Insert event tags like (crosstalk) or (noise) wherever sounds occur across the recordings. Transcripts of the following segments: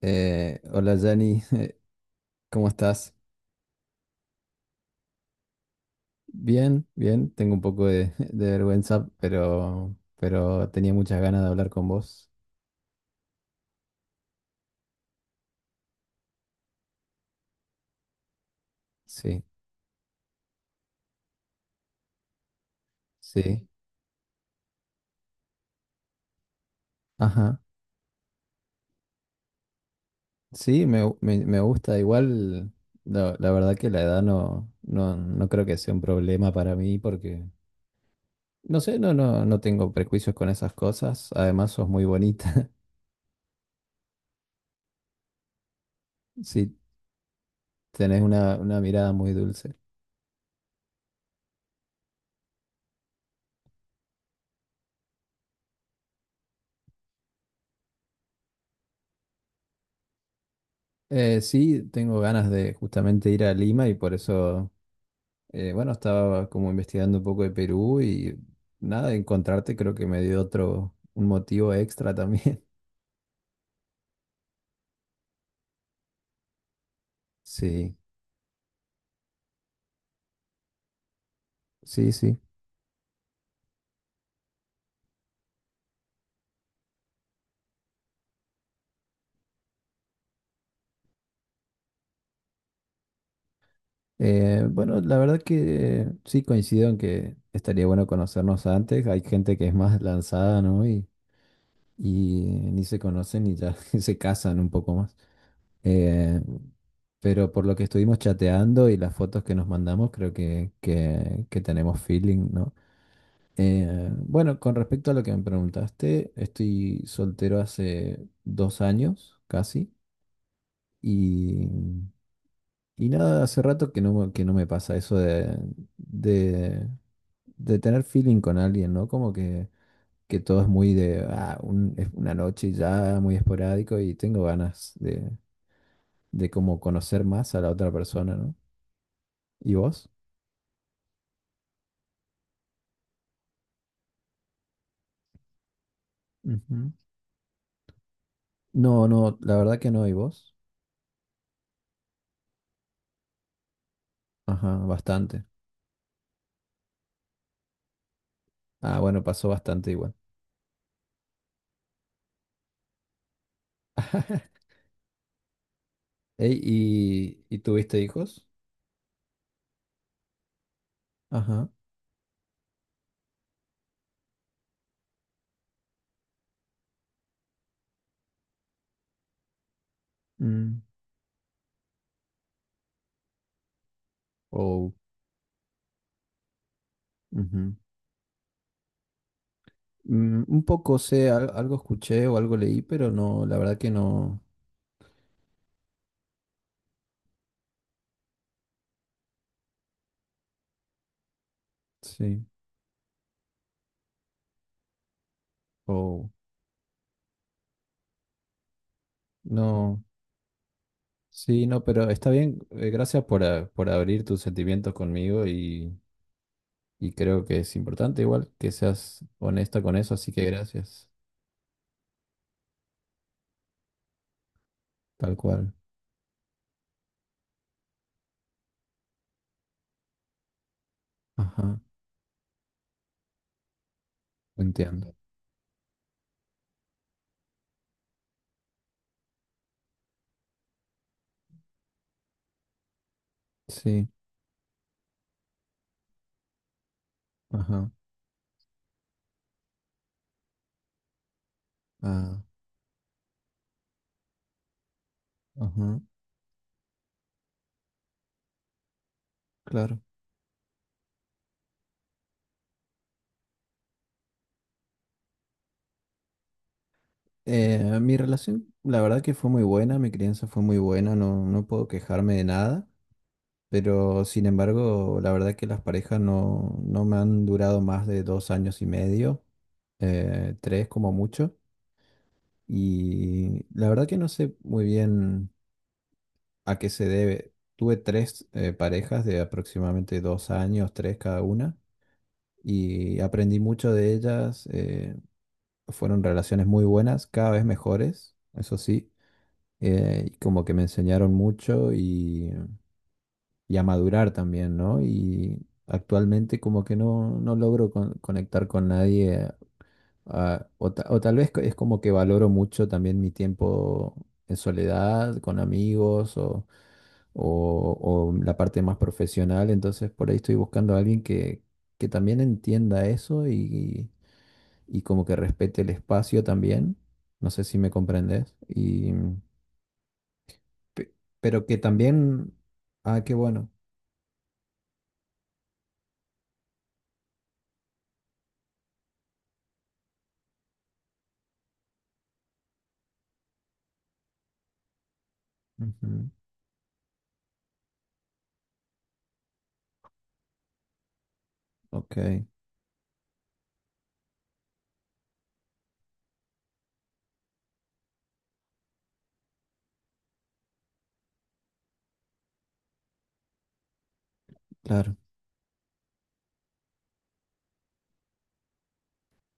Hola Jani, (laughs) ¿cómo estás? Bien, bien, tengo un poco de, (laughs) de vergüenza, pero tenía muchas ganas de hablar con vos. Sí, sí, ajá. Sí, me gusta, igual la verdad que la edad no creo que sea un problema para mí porque, no sé, no tengo prejuicios con esas cosas. Además, sos muy bonita, (laughs) sí, tenés una mirada muy dulce. Sí, tengo ganas de justamente ir a Lima y por eso... Bueno, estaba como investigando un poco de Perú y nada, de encontrarte creo que me dio otro, un motivo extra también. (laughs) Sí, sí, sí. Bueno, la verdad que sí coincido en que estaría bueno conocernos antes. Hay gente que es más lanzada, ¿no? Y ni se conocen y ya (laughs) se casan un poco más. Eh, pero por lo que estuvimos chateando y las fotos que nos mandamos, creo que tenemos feeling, ¿no? Bueno, con respecto a lo que me preguntaste, estoy soltero hace 2 años casi y, y nada, hace rato que que no me pasa eso de, de, de tener feeling con alguien, ¿no? Como que todo es muy de, es una noche y ya, muy esporádico y tengo ganas de como conocer más a la otra persona, ¿no? ¿Y vos? Ujú. No, no, la verdad que no, ¿y vos? Ajá, bastante. Ah, bueno, pasó bastante igual. (laughs) Ey, ¿y tuviste hijos? Ajá. Mm, oh, ujú. Mm, un poco sé, algo escuché o algo leí, pero no, la verdad que no. Sí. Oh. Mm. No. Sí, no, pero está bien. Gracias por abrir tus sentimientos conmigo y creo que es importante igual que seas honesta con eso, así que gracias. Tal cual. Ajá. Entiendo. Sí. Ajá. Ah, ajá. Claro. Mi relación, la verdad que fue muy buena, mi crianza fue muy buena, no, no puedo quejarme de nada, pero sin embargo, la verdad que las parejas no me han durado más de 2 años y medio, tres como mucho, y la verdad que no sé muy bien a qué se debe. Tuve tres parejas de aproximadamente 2 años, tres cada una, y aprendí mucho de ellas. Fueron relaciones muy buenas, cada vez mejores, eso sí. Y como que me enseñaron mucho y a madurar también, ¿no? Y actualmente como que no logro conectar con nadie, o tal vez es como que valoro mucho también mi tiempo en soledad, con amigos o la parte más profesional. Entonces por ahí estoy buscando a alguien que también entienda eso y como que respete el espacio también. No sé si me comprendes. Y Pe- pero que también... Ah, qué bueno. Ujú. Ok, claro.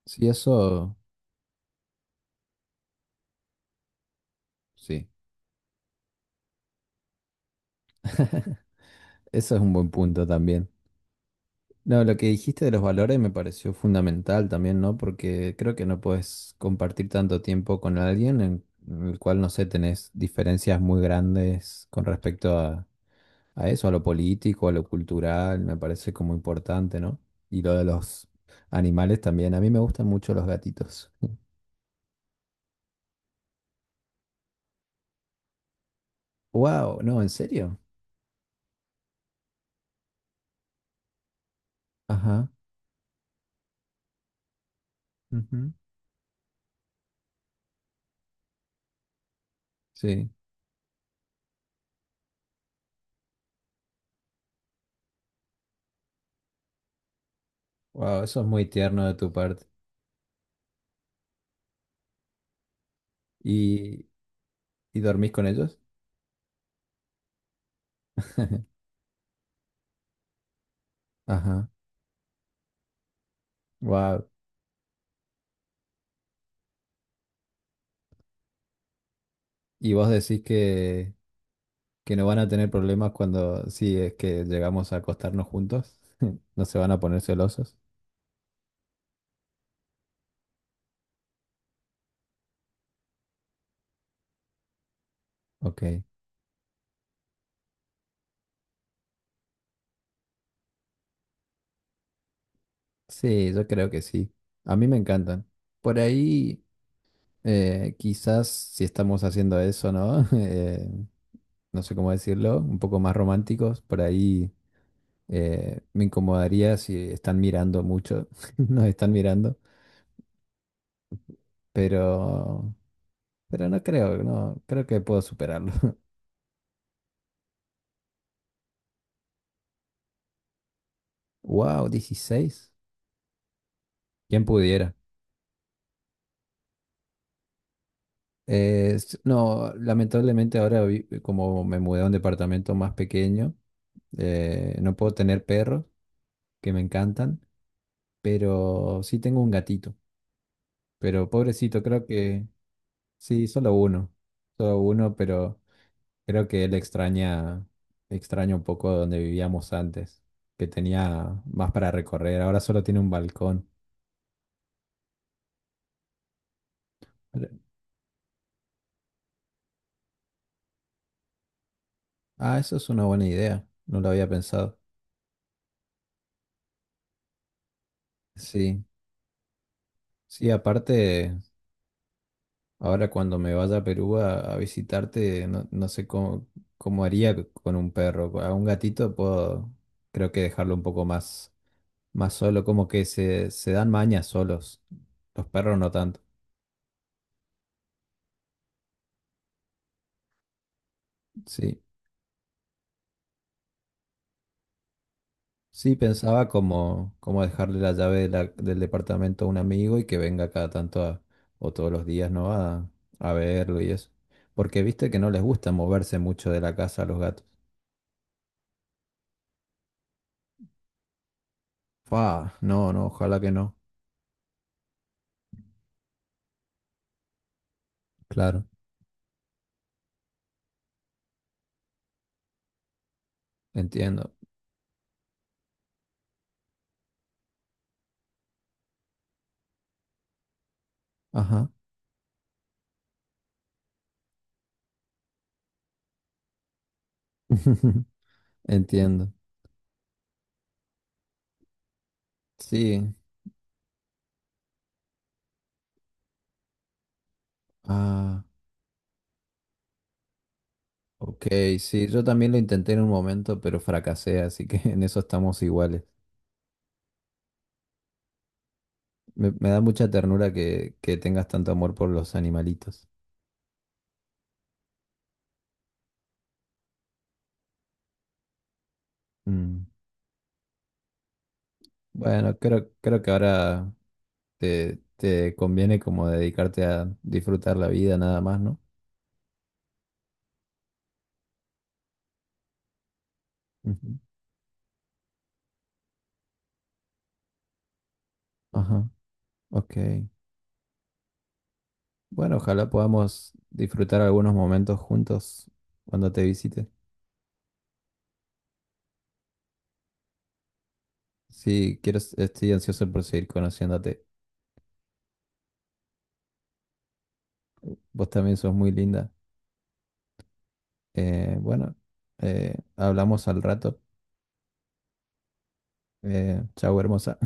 Sí, eso, sí. Eso es un buen punto también. No, lo que dijiste de los valores me pareció fundamental también, ¿no? Porque creo que no puedes compartir tanto tiempo con alguien en el cual, no sé, tenés diferencias muy grandes con respecto a eso, a lo político, a lo cultural, me parece como importante, ¿no? Y lo de los animales también. A mí me gustan mucho los gatitos. (laughs) ¡Wow! No, ¿en serio? Ajá. Ujú. Sí, wow, eso es muy tierno de tu parte. ¿Y, y dormís con ellos? Ajá, wow. ¿Y vos decís que no van a tener problemas cuando, si es que llegamos a acostarnos juntos? (laughs) ¿No se van a poner celosos? Ok, sí, yo creo que sí. A mí me encantan. Por ahí, quizás si estamos haciendo eso, ¿no? (laughs) No sé cómo decirlo, un poco más románticos, por ahí. Me incomodaría si están mirando mucho, (laughs) nos están mirando, pero, pero no creo, no, creo que puedo superarlo. (laughs) Wow, 16. ¿Quién pudiera? No, lamentablemente ahora como me mudé a un departamento más pequeño, no puedo tener perros que me encantan, pero sí tengo un gatito. Pero pobrecito, creo que sí, solo uno. Solo uno, pero creo que él extraña, extraña un poco donde vivíamos antes, que tenía más para recorrer. Ahora solo tiene un balcón. Re- Eso es una buena idea. No lo había pensado. Sí, sí, aparte, ahora cuando me vaya a Perú a visitarte, no sé cómo, haría con un perro. A un gatito puedo, creo que dejarlo un poco más solo, como que se dan mañas solos. Los perros no tanto. Sí. Sí, pensaba como dejarle la llave del departamento a un amigo y que venga cada tanto o todos los días, ¿no? A verlo y eso. Porque viste que no les gusta moverse mucho de la casa a los gatos. No, no, ojalá que no. Claro, entiendo. Ajá. (laughs) Entiendo. Sí. Ah, ok, sí. Yo también lo intenté en un momento, pero fracasé, así que (laughs) en eso estamos iguales. Me da mucha ternura que tengas tanto amor por los animalitos. Mm. Bueno, creo que ahora te conviene como dedicarte a disfrutar la vida nada más, ¿no? Ujú. Ajá, ok. Bueno, ojalá podamos disfrutar algunos momentos juntos cuando te visite. Sí, quiero, estoy ansioso por seguir conociéndote. Vos también sos muy linda. Bueno, hablamos al rato. Chau, hermosa.